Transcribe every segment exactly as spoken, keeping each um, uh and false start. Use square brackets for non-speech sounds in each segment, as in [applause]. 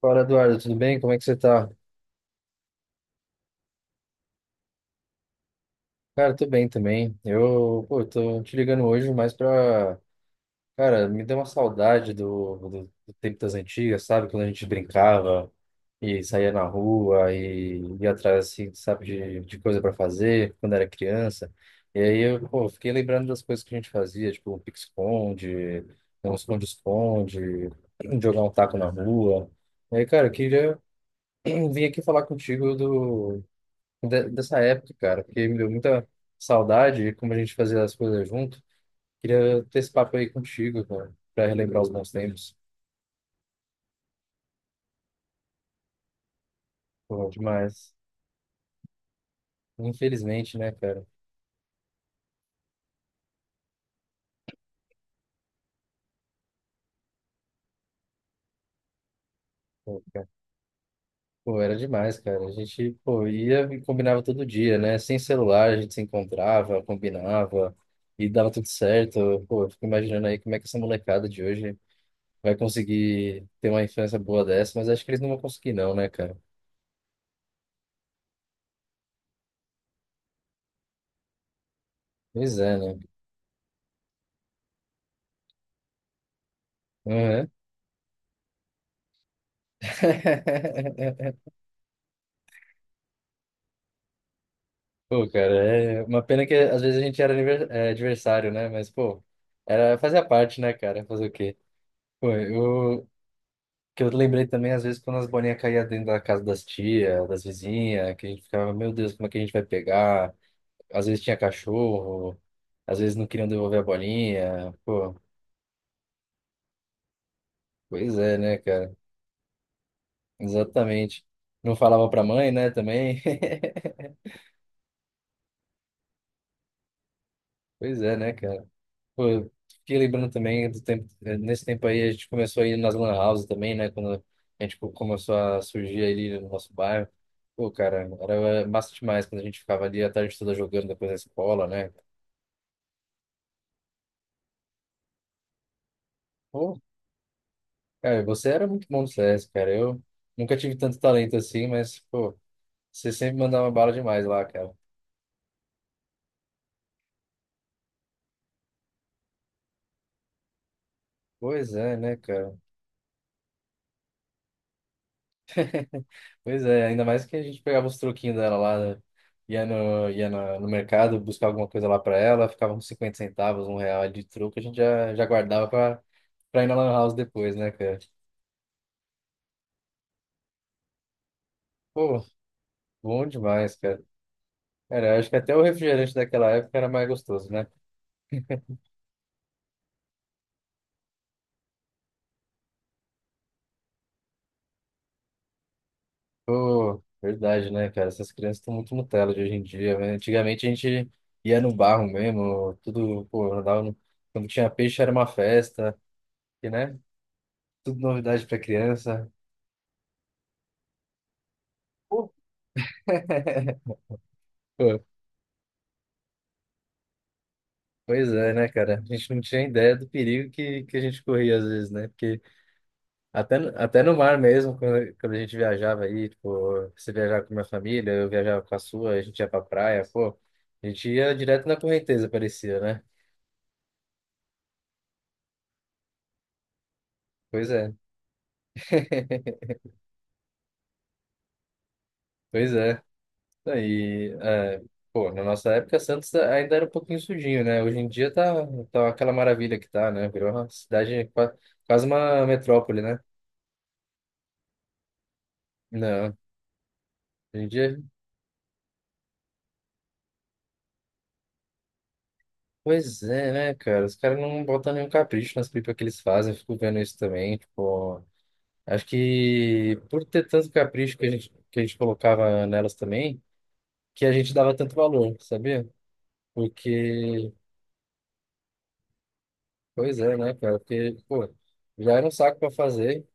Fala, Eduardo, tudo bem? Como é que você tá? Cara, tô bem também. Eu, pô, tô te ligando hoje mais pra. Cara, me deu uma saudade do, do, do tempo das antigas, sabe? Quando a gente brincava e saía na rua e ia atrás, assim, sabe, de, de coisa pra fazer quando era criança. E aí eu, pô, fiquei lembrando das coisas que a gente fazia, tipo um pique-esconde, um esconde-esconde, [clears throat] jogar um taco na rua. E aí, cara, eu queria [clears throat] vir aqui falar contigo de- dessa época, cara, porque me deu muita saudade e como a gente fazia as coisas junto. Queria ter esse papo aí contigo, cara, pra relembrar os bons tempos. Pô, demais. Infelizmente, né, cara? Pô, cara. Pô, era demais, cara. A gente, pô, ia e combinava todo dia, né? Sem celular, a gente se encontrava, combinava e dava tudo certo. Pô, eu fico imaginando aí como é que essa molecada de hoje vai conseguir ter uma infância boa dessa, mas acho que eles não vão conseguir, não, né, cara? Pois é, né? Uhum. [laughs] Pô, cara, é uma pena que às vezes a gente era aniver- é, adversário, né? Mas, pô, era, fazia parte, né, cara? Fazer o quê? Pô, eu, que eu lembrei também, às vezes, quando as bolinhas caíam dentro da casa das tias, das vizinhas, que a gente ficava, meu Deus, como é que a gente vai pegar? Às vezes tinha cachorro, às vezes não queriam devolver a bolinha. Pô, pois é, né, cara? Exatamente. Não falava pra mãe, né, também. [laughs] Pois é, né, cara? Pô, eu fiquei lembrando também do tempo, eh, nesse tempo aí a gente começou a ir nas lan houses também, né? Quando a gente co- começou a surgir ali no nosso bairro. Pô, cara, era massa demais quando a gente ficava ali a tarde toda jogando depois da escola, né? Pô, cara, você era muito bom no C S, cara. Eu nunca tive tanto talento assim, mas, pô, você sempre mandava bala demais lá, cara. Pois é, né, cara? Pois é, ainda mais que a gente pegava os troquinhos dela lá, né? ia no, ia na- No mercado buscar alguma coisa lá pra ela, ficava uns cinquenta centavos, um real de troco, a gente já, já guardava pra, pra ir na Lan House depois, né, cara? Pô, bom demais, cara. Cara, eu acho que até o refrigerante daquela época era mais gostoso, né? Pô, verdade, né, cara? Essas crianças estão muito Nutella de hoje em dia, né? Antigamente a gente ia no barro mesmo, tudo, pô, andava no. Quando tinha peixe era uma festa, e, né? Tudo novidade pra criança. [laughs] Pô, pois é, né, cara? A gente não tinha ideia do perigo que, que a gente corria às vezes, né? Porque até, no- até no mar mesmo, quando, quando a gente viajava aí, tipo, você viajava com a minha família, eu viajava com a sua, a gente ia pra praia, pô, a gente ia direto na correnteza, parecia, né? Pois é, [laughs] pois é. Aí, é, pô, na nossa época, Santos ainda era um pouquinho sujinho, né? Hoje em dia tá, tá aquela maravilha que tá, né? Virou uma cidade, qua- quase uma metrópole, né? Não, hoje em dia. Pois é, né, cara? Os caras não botam nenhum capricho nas pipas que eles fazem, eu fico vendo isso também. Tipo, acho que por ter tanto capricho que a gente, que a gente colocava nelas também, que a gente dava tanto valor, sabia? Porque, pois é, né, cara? Porque, pô, já era um saco pra fazer.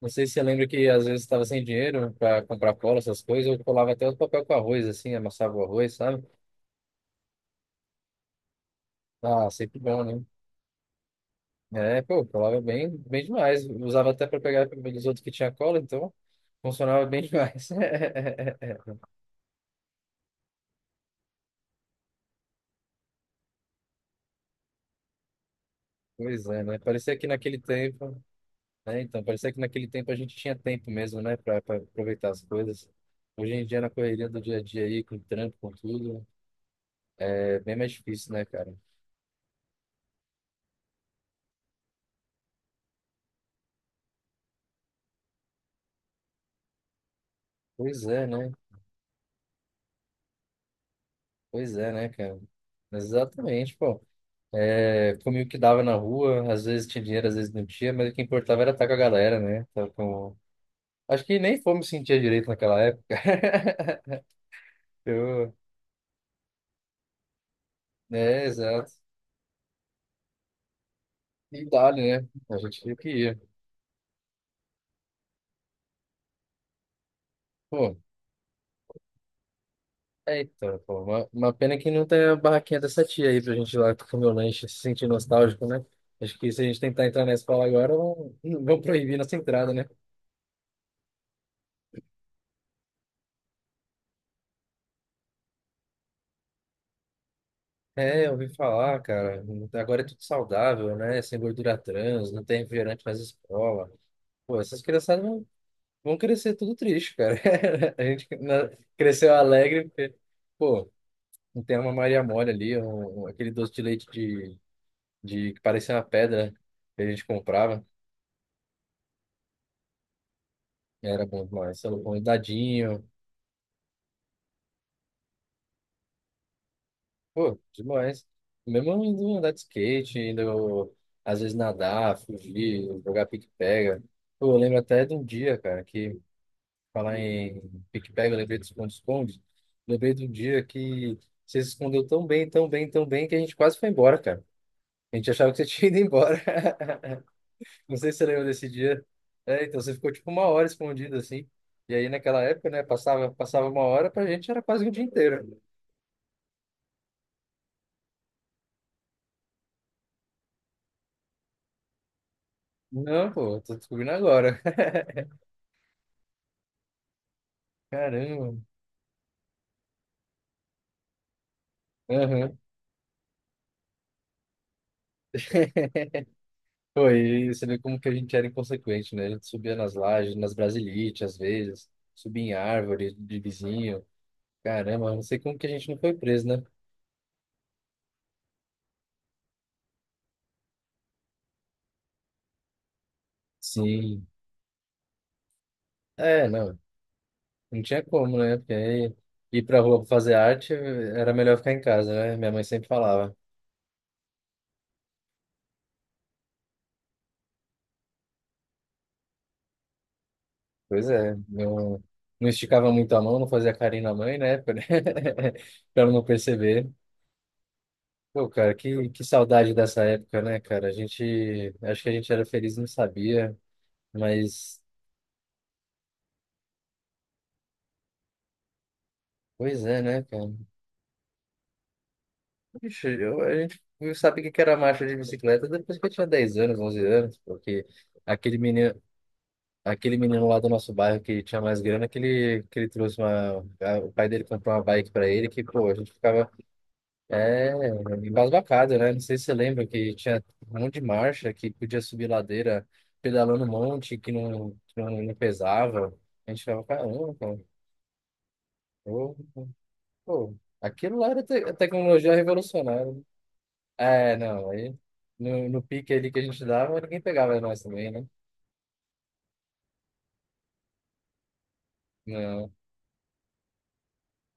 Não sei se você lembra que às vezes estava sem dinheiro pra comprar cola, essas coisas, eu colava até o papel com arroz, assim, amassava o arroz, sabe? Ah, sempre bom, né? É, pô, colava bem, bem demais. Usava até para pegar os outros que tinha cola, então funcionava bem demais. [laughs] Pois é, né? Parecia que naquele tempo, né? Então, parecia que naquele tempo a gente tinha tempo mesmo, né, para aproveitar as coisas. Hoje em dia, na correria do dia a dia aí, com trampo, com tudo, é bem mais difícil, né, cara? Pois é, né? Pois é, né, cara? Mas, exatamente, pô. É, comia o que dava na rua, às vezes tinha dinheiro, às vezes não tinha, mas o que importava era estar com a galera, né? Tá com. Acho que nem fome sentia direito naquela época. [laughs] Eu. É, exato. E dali, né? A gente viu que ia. Pô, é então, pô. Uma, uma pena que não tem a barraquinha dessa tia aí pra gente ir lá comer o lanche, se sentir nostálgico, né? Acho que se a gente tentar entrar na escola agora, vão, [laughs] vão proibir nossa entrada, né? É, eu ouvi falar, cara. Agora é tudo saudável, né? Sem gordura trans, não tem refrigerante nas escolas. Pô, essas criançadas vão, vão crescer tudo triste, cara. [laughs] A gente na- cresceu alegre, porque, pô. Não tem uma Maria Mole ali, um, um- aquele doce de leite de, de que parecia uma pedra que a gente comprava. Era bom demais. Sei lá, um dadinho. Pô, demais. Mesmo indo andar de skate, indo às vezes nadar, fugir, jogar pique-pega. Pô, eu lembro até de um dia, cara, que falar em pique-pega, eu lembrei do esconde-esconde. Lembrei de um dia que você se escondeu tão bem, tão bem, tão bem que a gente quase foi embora, cara. A gente achava que você tinha ido embora. [laughs] Não sei se você lembra desse dia. É, então você ficou tipo uma hora escondido assim. E aí naquela época, né, passava, passava uma hora, pra gente era quase o dia inteiro. Não, pô, tô descobrindo agora. [laughs] Caramba. Aham. Pô, e você vê como que a gente era inconsequente, né? A gente subia nas lajes, nas brasilites às vezes, subia em árvore de vizinho. Caramba, eu não sei como que a gente não foi preso, né? Sim. É, não, não tinha como, né? Porque aí ir pra rua pra fazer arte era melhor ficar em casa, né? Minha mãe sempre falava. Pois é, não, não esticava muito a mão, não fazia carinho na mãe na época, né? [laughs] Pra ela não perceber. Pô, cara, que, que saudade dessa época, né, cara? A gente, acho que a gente era feliz, e não sabia, mas, pois é, né, cara? Ixi, eu, a gente sabe o que que era marcha de bicicleta depois que eu tinha dez anos, onze anos, porque aquele menino, aquele menino lá do nosso bairro que tinha mais grana, que ele, que ele trouxe uma, a- o pai dele comprou uma bike pra ele, que, pô, a gente ficava É, embasbacado, né? Não sei se você lembra que tinha um monte de marcha que podia subir ladeira pedalando um monte que não, que não, não pesava. A gente ficava, caramba, cara, pô, pô, aquilo lá era te tecnologia revolucionária. É, não, aí no, no pique ali que a gente dava, ninguém pegava nós também, né? Não.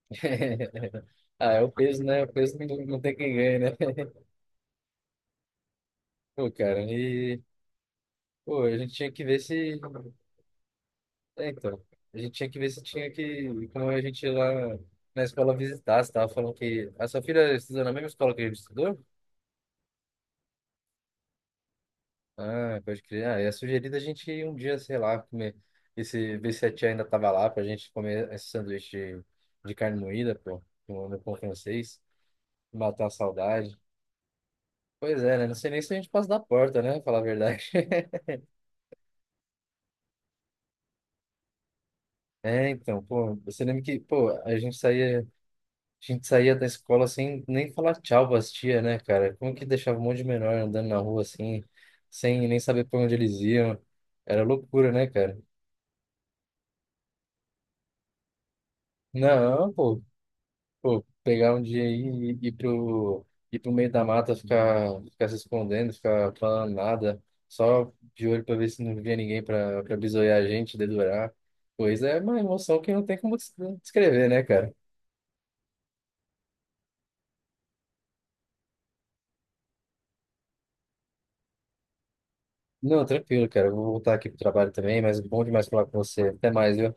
[laughs] Ah, é o peso, né? O peso não, não tem quem ganha, né? [laughs] Pô, cara, e pô, a gente tinha que ver se É, então, a gente tinha que ver se tinha que, como a gente ia lá na escola visitar, você tava falando que a sua filha estudou na mesma escola que a gente estudou? Ah, pode crer. Ah, é sugerido a gente ir um dia, sei lá, comer, esse, ver se a tia ainda tava lá pra gente comer esse sanduíche de, de carne moída, pô, no no pão francês, matar a saudade. Pois é, né? Não sei nem se a gente passa da porta, né? Falar a verdade. [laughs] É, então, pô, você lembra que, pô, a gente saía. A gente saía da escola sem nem falar tchau pras tia, né, cara? Como que deixava um monte de menor andando na rua assim, sem nem saber pra onde eles iam? Era loucura, né, cara? Não, pô, pô, pegar um dia aí e ir pro, ir pro meio da mata, ficar, ficar se escondendo, ficar falando nada, só de olho pra ver se não via ninguém pra, pra, bisoiar a gente, dedurar. Pois é, uma emoção que não tem como des- descrever, né, cara? Não, tranquilo, cara. Eu vou voltar aqui pro trabalho também, mas bom demais falar com você. Até mais, viu?